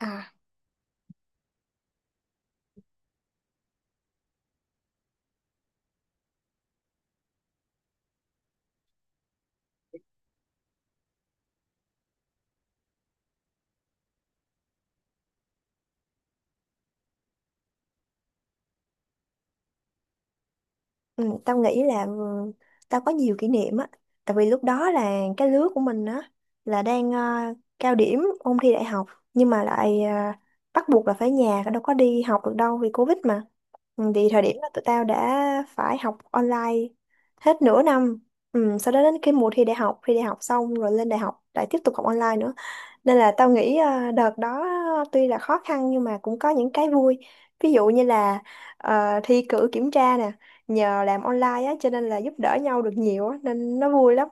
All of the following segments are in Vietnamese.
À, ừ, tao nghĩ là tao có nhiều kỷ niệm á, tại vì lúc đó là cái lứa của mình á là đang cao điểm ôn thi đại học nhưng mà lại bắt buộc là phải nhà đâu có đi học được đâu vì Covid mà. Ừ, thì thời điểm đó tụi tao đã phải học online hết nửa năm. Ừ, sau đó đến cái mùa thi đại học xong rồi lên đại học lại tiếp tục học online nữa. Nên là tao nghĩ đợt đó tuy là khó khăn nhưng mà cũng có những cái vui. Ví dụ như là thi cử kiểm tra nè, nhờ làm online á cho nên là giúp đỡ nhau được nhiều á nên nó vui lắm.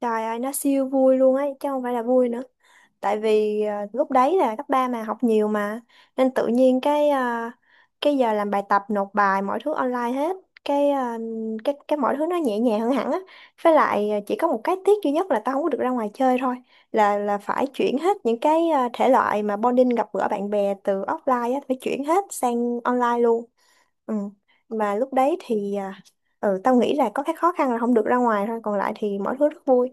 Trời ơi nó siêu vui luôn ấy chứ không phải là vui nữa. Tại vì lúc đấy là cấp 3 mà học nhiều mà nên tự nhiên cái giờ làm bài tập nộp bài mọi thứ online hết cái à, cái mọi thứ nó nhẹ nhàng hơn hẳn á với lại chỉ có một cái tiếc duy nhất là tao không có được ra ngoài chơi thôi là phải chuyển hết những thể loại mà bonding gặp gỡ bạn bè từ offline á phải chuyển hết sang online luôn. Ừ, mà lúc đấy thì tao nghĩ là có cái khó khăn là không được ra ngoài thôi còn lại thì mọi thứ rất vui.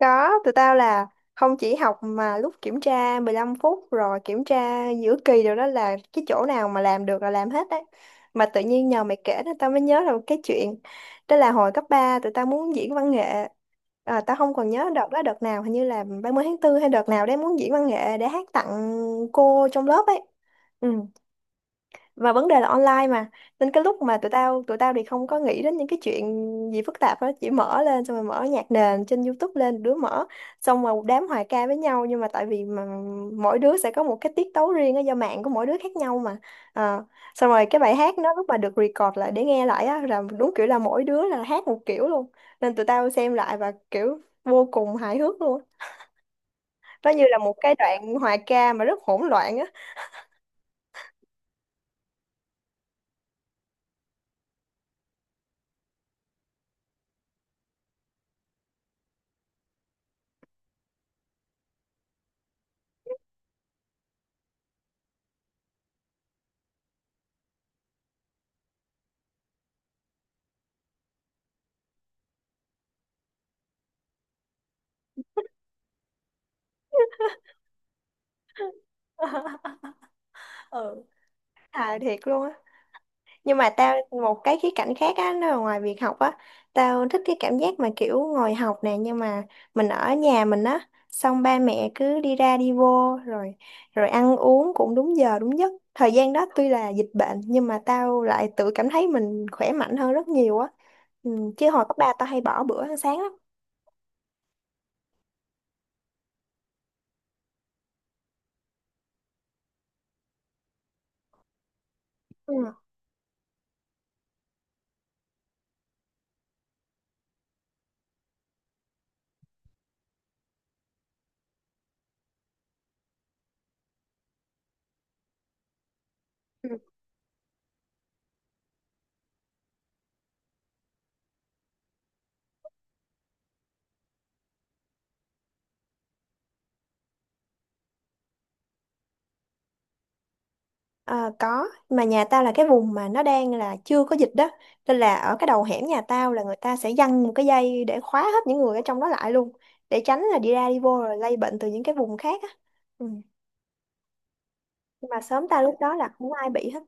Có, tụi tao là không chỉ học mà lúc kiểm tra 15 phút rồi kiểm tra giữa kỳ rồi đó là cái chỗ nào mà làm được là làm hết đấy. Mà tự nhiên nhờ mày kể nên tao mới nhớ là một cái chuyện. Đó là hồi cấp 3, tụi tao muốn diễn văn nghệ. À, tao không còn nhớ đợt đó đợt nào hình như là 30 tháng 4 hay đợt nào đấy muốn diễn văn nghệ để hát tặng cô trong lớp ấy. Ừ, và vấn đề là online mà nên cái lúc mà tụi tao thì không có nghĩ đến những cái chuyện gì phức tạp đó chỉ mở lên xong rồi mở nhạc nền trên YouTube lên đứa mở xong rồi một đám hòa ca với nhau nhưng mà tại vì mỗi đứa sẽ có một cái tiết tấu riêng á do mạng của mỗi đứa khác nhau mà. Ờ, xong rồi cái bài hát nó lúc mà được record lại để nghe lại á là đúng kiểu là mỗi đứa là hát một kiểu luôn, nên tụi tao xem lại và kiểu vô cùng hài hước luôn, nó như là một cái đoạn hòa ca mà rất hỗn loạn á. Ừ, hài thiệt luôn á, nhưng mà tao một cái khía cạnh khác á nó là ngoài việc học á, tao thích cái cảm giác mà kiểu ngồi học nè nhưng mà mình ở nhà mình á xong ba mẹ cứ đi ra đi vô rồi rồi ăn uống cũng đúng giờ đúng giấc, thời gian đó tuy là dịch bệnh nhưng mà tao lại tự cảm thấy mình khỏe mạnh hơn rất nhiều á. Ừ, chứ hồi cấp ba tao hay bỏ bữa ăn sáng lắm. Ừ. Ờ, có mà nhà tao là cái vùng mà nó đang là chưa có dịch đó nên là ở cái đầu hẻm nhà tao là người ta sẽ giăng một cái dây để khóa hết những người ở trong đó lại luôn để tránh là đi ra đi vô rồi lây bệnh từ những cái vùng khác á. Ừ. Nhưng mà sớm tao lúc đó là không ai bị hết.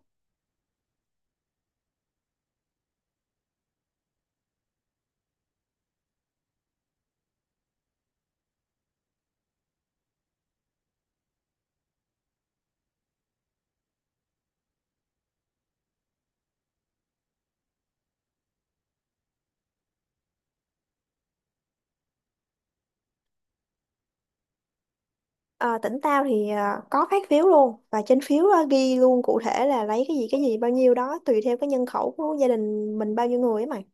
Ờ, tỉnh tao thì có phát phiếu luôn và trên phiếu ghi luôn cụ thể là lấy cái gì bao nhiêu đó tùy theo cái nhân khẩu của gia đình mình bao nhiêu người ấy mày.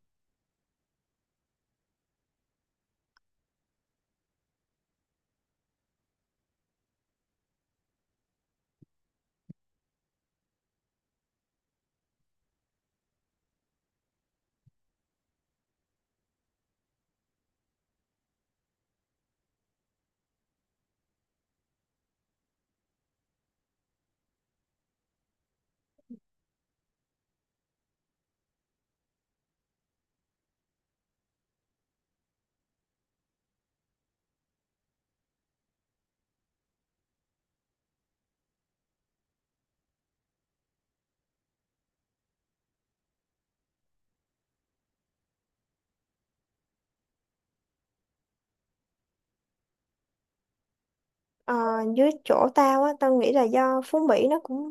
Ờ, dưới chỗ tao á, tao nghĩ là do Phú Mỹ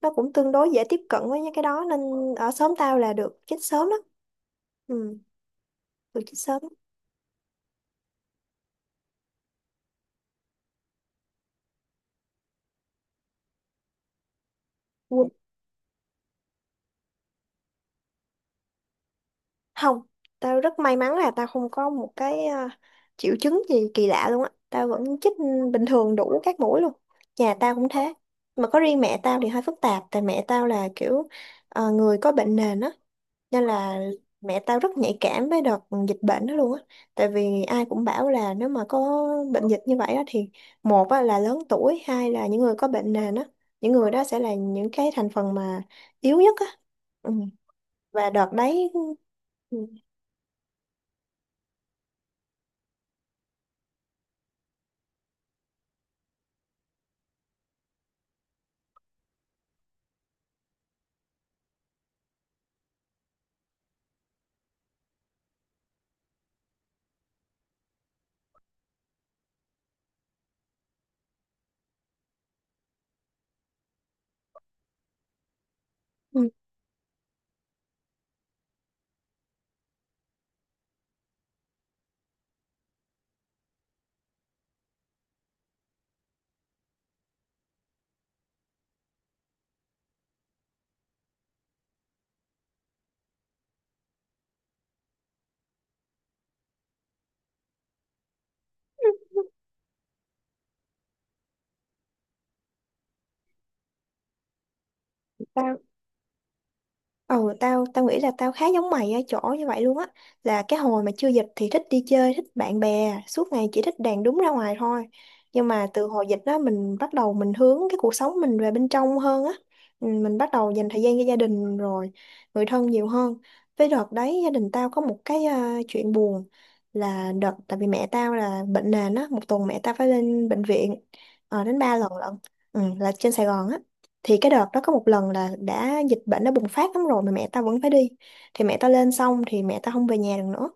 nó cũng tương đối dễ tiếp cận với những cái đó nên ở xóm tao là được chích sớm đó. Ừ, được chích sớm. Vui. Không, tao rất may mắn là tao không có một cái triệu chứng gì kỳ lạ luôn á. Tao vẫn chích bình thường đủ các mũi luôn. Nhà tao cũng thế. Mà có riêng mẹ tao thì hơi phức tạp tại mẹ tao là kiểu người có bệnh nền á. Nên là mẹ tao rất nhạy cảm với đợt dịch bệnh đó luôn á tại vì ai cũng bảo là nếu mà có bệnh dịch như vậy á thì một á, là lớn tuổi, hai là những người có bệnh nền á, những người đó sẽ là những cái thành phần mà yếu nhất á. Ừ. Và đợt đấy ừ. Ừ, Tao Ừ, tao tao nghĩ là tao khá giống mày ở chỗ như vậy luôn á, là cái hồi mà chưa dịch thì thích đi chơi thích bạn bè suốt ngày chỉ thích đàn đúng ra ngoài thôi nhưng mà từ hồi dịch đó mình bắt đầu mình hướng cái cuộc sống mình về bên trong hơn á. Ừ, mình bắt đầu dành thời gian cho gia đình rồi người thân nhiều hơn, với đợt đấy gia đình tao có một cái chuyện buồn là đợt tại vì mẹ tao là bệnh nền á, một tuần mẹ tao phải lên bệnh viện đến ba lần lận. Ừ, là trên Sài Gòn á, thì cái đợt đó có một lần là đã dịch bệnh đã bùng phát lắm rồi mà mẹ tao vẫn phải đi, thì mẹ tao lên xong thì mẹ tao không về nhà được nữa,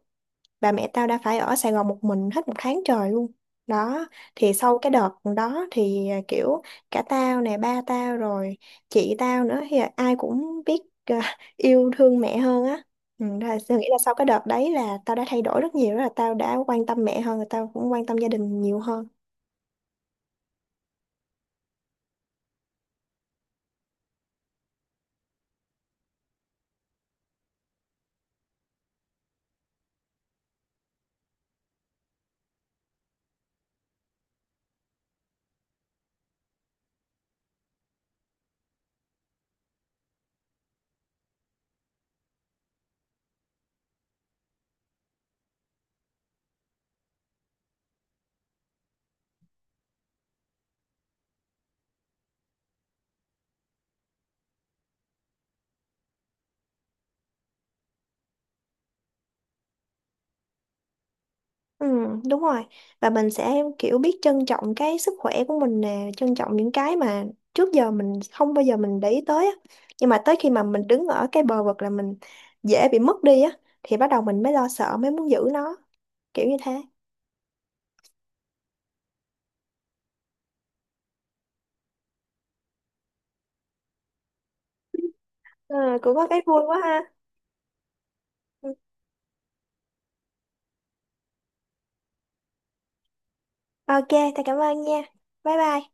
bà mẹ tao đã phải ở Sài Gòn một mình hết một tháng trời luôn đó. Thì sau cái đợt đó thì kiểu cả tao nè ba tao rồi chị tao nữa thì ai cũng biết yêu thương mẹ hơn á. Ừ, đó là tôi nghĩ là sau cái đợt đấy là tao đã thay đổi rất nhiều, đó là tao đã quan tâm mẹ hơn, tao cũng quan tâm gia đình nhiều hơn. Ừ, đúng rồi. Và mình sẽ kiểu biết trân trọng cái sức khỏe của mình nè, trân trọng những cái mà trước giờ mình không bao giờ mình để ý tới á. Nhưng mà tới khi mà mình đứng ở cái bờ vực là mình dễ bị mất đi á, thì bắt đầu mình mới lo sợ, mới muốn giữ nó, kiểu như thế. Ừ, cũng có cái vui quá ha. Ừ. Ok, thầy cảm ơn nha. Bye bye.